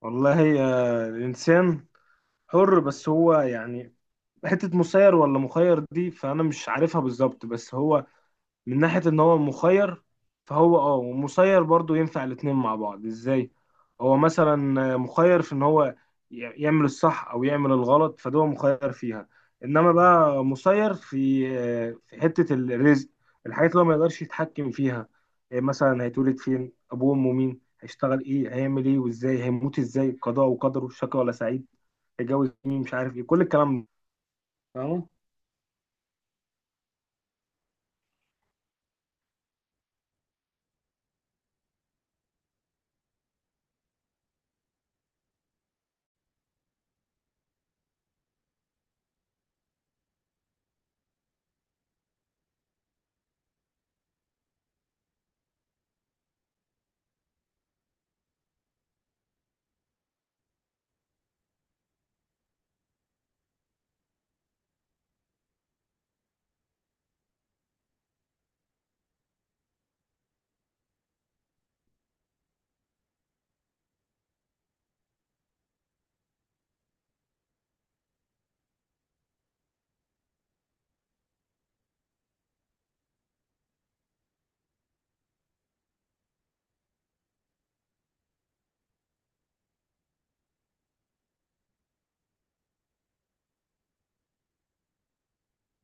والله، الإنسان حر، بس هو يعني حتة مسير ولا مخير دي فأنا مش عارفها بالظبط. بس هو من ناحية ان هو مخير فهو ومسير، برضو ينفع الاتنين مع بعض ازاي. هو مثلا مخير في ان هو يعمل الصح او يعمل الغلط، فده هو مخير فيها. انما بقى مسير في في حتة الرزق، الحاجات اللي هو ما يقدرش يتحكم فيها. إيه مثلا؟ هيتولد فين، ابوه وامه مين، هيشتغل ايه، هيعمل ايه وازاي، هيموت ازاي، قضاء وقدره، شقي ولا سعيد، هيتجوز مين، مش عارف ايه كل الكلام ده. فاهمه؟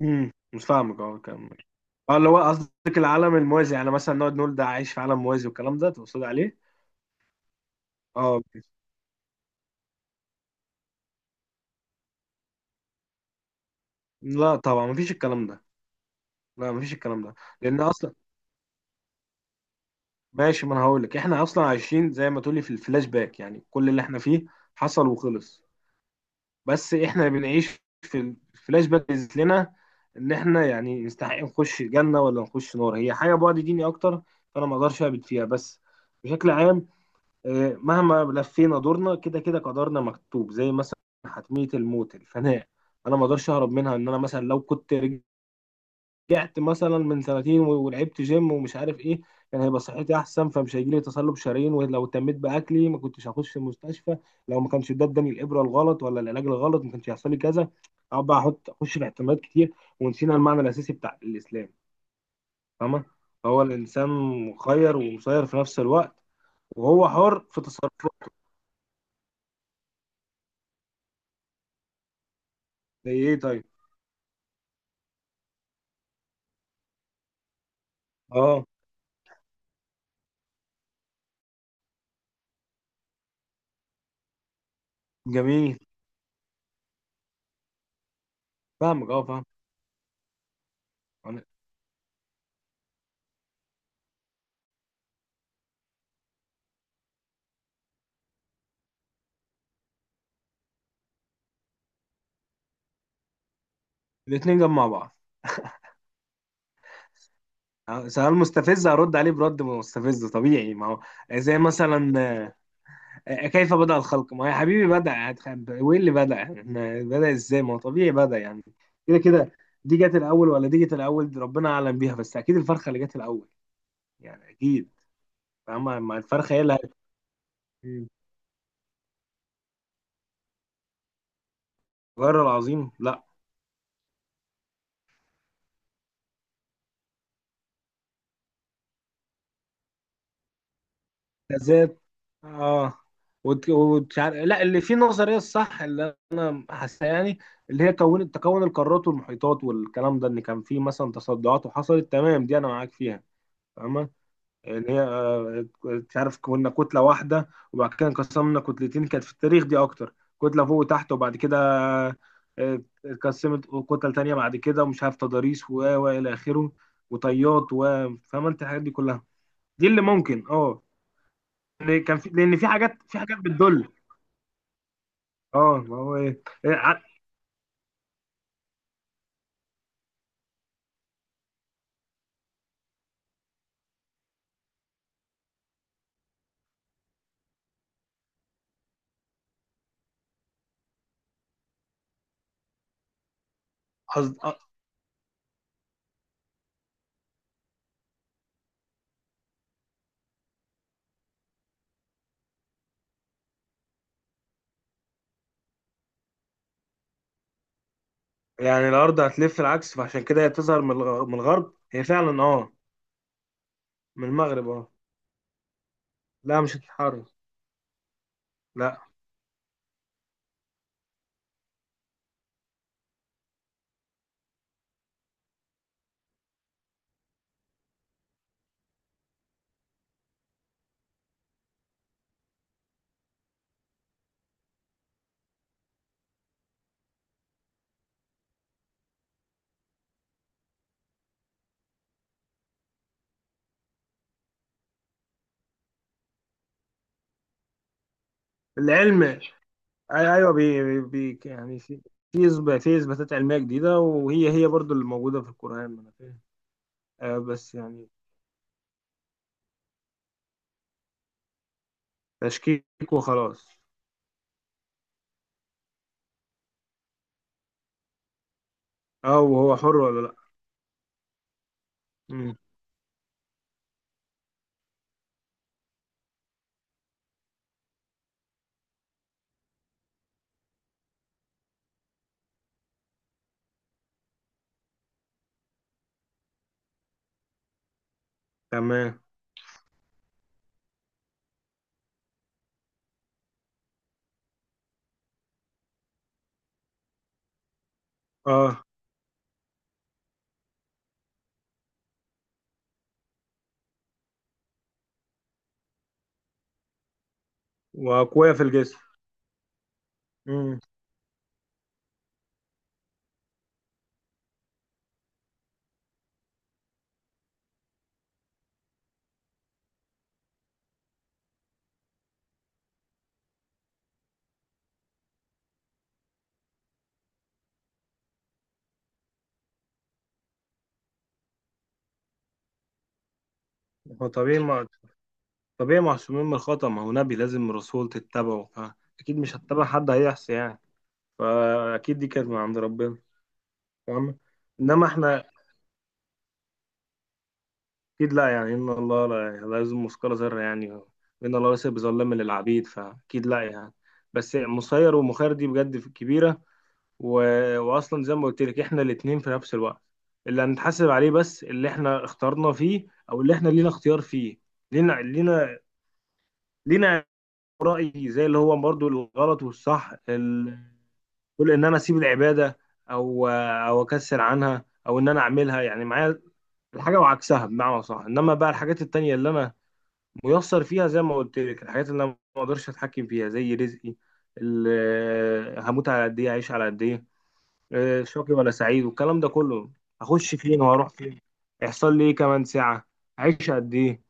مم. مش فاهمك، اه كمل. اه، اللي هو قصدك العالم الموازي، يعني مثلا نقعد نقول ده عايش في عالم موازي والكلام ده تقصد عليه؟ اه، لا طبعا مفيش الكلام ده. لا، مفيش الكلام ده لان اصلا ماشي. ما انا هقول لك، احنا اصلا عايشين زي ما تقولي في الفلاش باك، يعني كل اللي احنا فيه حصل وخلص. بس احنا بنعيش في الفلاش باك بيثبت لنا ان احنا يعني نستحق نخش جنة ولا نخش نار، هي حاجة بعد ديني اكتر فانا ما اقدرش اثبت فيها. بس بشكل عام، مهما لفينا دورنا كده كده قدرنا مكتوب، زي مثلا حتمية الموت، الفناء، انا ما اقدرش اهرب منها. ان انا مثلا لو كنت رجعت مثلا من سنتين ولعبت جيم ومش عارف ايه، كان هيبقى صحتي احسن فمش هيجيلي تصلب شرايين. ولو اهتميت باكلي ما كنتش هخش المستشفى. لو ما كانش ده اداني الابره الغلط ولا العلاج الغلط ما كانش هيحصل لي كذا. اقعد بقى احط اخش في احتمالات كتير ونسينا المعنى الاساسي بتاع الاسلام. فاهمه؟ فهو الانسان مخير ومسير في نفس الوقت، وهو حر في تصرفاته. زي ايه طيب؟ اه جميل. فاهمك، اه فاهم. الاثنين جنب مع بعض. سؤال مستفز هرد عليه برد مستفز طبيعي، ما هو زي مثلا كيف بدأ الخلق، ما هو يا حبيبي بدأ. وايه اللي بدأ إحنا، بدأ ازاي، ما هو طبيعي بدأ يعني كده كده. دي جت الأول ولا دي جت الأول، دي ربنا أعلم بيها، بس أكيد الفرخة اللي جت الأول، يعني أكيد. فاهمة، ما الفرخة هي اللي غير العظيم، لا، بالذات. اه. لا، اللي فيه نظريه الصح اللي انا حاسه، يعني اللي هي كون تكون القارات والمحيطات والكلام ده، ان كان فيه مثلا تصدعات وحصلت، تمام دي انا معاك فيها. فاهمه؟ ان هي مش عارف، كنا كتله واحده وبعد كده انقسمنا كتلتين، كانت في التاريخ دي اكتر، كتله فوق وتحت، وبعد كده اتقسمت كتل تانية بعد كده، ومش عارف تضاريس و الى اخره، وطيات. فاهمه انت الحاجات دي كلها؟ دي اللي ممكن اه. لأن كان في لان في حاجات بتدل. اه، ما هو ايه إيه، ع- قصد- آه، يعني الارض هتلف العكس فعشان كده هي تظهر من من الغرب. هي فعلا اه، من المغرب. اه، لا مش هتتحرك. لا. العلم ايوه، بي يعني، في في اثباتات علميه جديده، وهي هي برضو اللي موجوده في القران، ما انا فاهم. بس يعني تشكيك وخلاص. اه، وهو حر ولا لا. مم. تمام. اه، واقوياء في الجسم. مم. هو طبيعي، ما طبيعي معصومين من الخطأ، ما هو نبي لازم رسول تتبعه، فأكيد مش هتتبع حد هيعصي يعني، فأكيد دي كانت من عند ربنا. تمام. إنما إحنا أكيد لا، يعني إن الله لا يظلم مثقال ذرة، يعني إن الله ليس بظلام للعبيد، فأكيد لا يعني. بس مسير ومخير دي بجد كبيرة و... وأصلا زي ما قلت لك إحنا الاتنين في نفس الوقت، اللي هنتحاسب عليه بس اللي إحنا اخترنا فيه، أو اللي إحنا لينا اختيار فيه. لينا لينا لينا رأي، زي اللي هو برضو الغلط والصح، ال... كل ان انا اسيب العباده او اكسر عنها او ان انا اعملها، يعني معايا الحاجه وعكسها بمعنى صح. انما بقى الحاجات التانية اللي انا ميسر فيها، زي ما قلت لك الحاجات اللي انا ما اقدرش اتحكم فيها زي رزقي، هموت على قد ايه، اعيش على قد ايه، شقي ولا سعيد والكلام ده كله، هخش فين وهروح فين، هيحصل لي ايه كمان ساعه، اعيش قد ايه.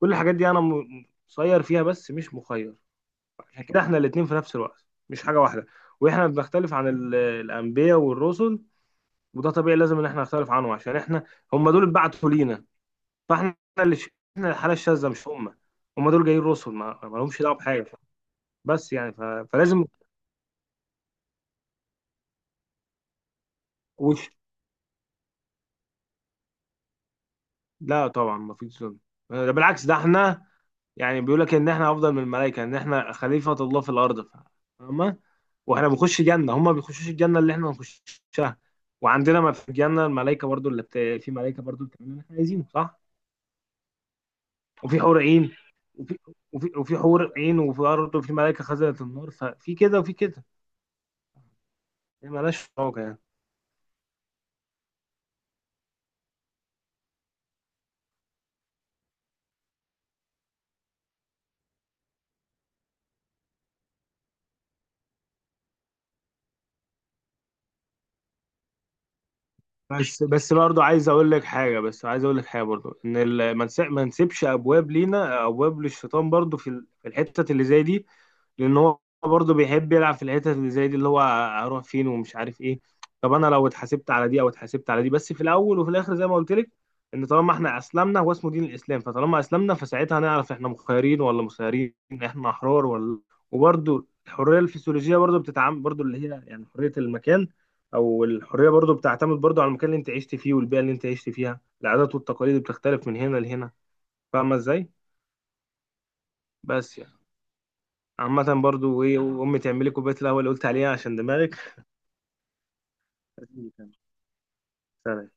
كل الحاجات دي انا مسير فيها بس مش مخير. عشان كده احنا الاتنين في نفس الوقت، مش حاجة واحدة. واحنا بنختلف عن الأنبياء والرسل، وده طبيعي لازم ان احنا نختلف عنه، عشان احنا هم دول اتبعتوا لينا، فاحنا احنا الحالة الشاذة مش هم. هم دول جايين رسل، ما لهمش دعوة بحاجة. بس يعني فلازم. وش لا طبعا ما فيش ظلم، ده بالعكس، ده احنا يعني بيقول لك ان احنا افضل من الملائكه، ان احنا خليفه الله في الارض. فاهمه؟ واحنا بنخش جنه، هم ما بيخشوش الجنه اللي احنا بنخشها. وعندنا ما في الجنه الملائكه برضو في ملائكه برضو بتعمل اللي احنا عايزينه صح. وفي حور عين. وفي حور عين. وفي برضه في ملائكه خزنه النار، ففي كده وفي كده، هي مالهاش علاقه يعني. بس برضه عايز اقول لك حاجه، بس عايز اقول لك حاجه برضه، ان ما نسيبش ابواب لينا، ابواب للشيطان برضه في في الحتت اللي زي دي. لان هو برضه بيحب يلعب في الحتت اللي زي دي، اللي هو هروح فين ومش عارف ايه. طب انا لو اتحاسبت على دي او اتحاسبت على دي، بس في الاول وفي الاخر زي ما قلت لك، ان طالما احنا اسلمنا، هو اسمه دين الاسلام فطالما اسلمنا فساعتها هنعرف احنا مخيرين ولا مسيرين، احنا احرار ولا. وبرضه الحريه الفسيولوجيه برضه بتتعامل برضه، اللي هي يعني حريه المكان. او الحريه برضو بتعتمد برضو على المكان اللي انت عشت فيه والبيئه اللي انت عشت فيها، العادات والتقاليد بتختلف من هنا لهنا. فاهمه ازاي؟ بس يعني عامه برضو ايه، امي تعملي كوبايه القهوه اللي قلت عليها عشان دماغك. سلام.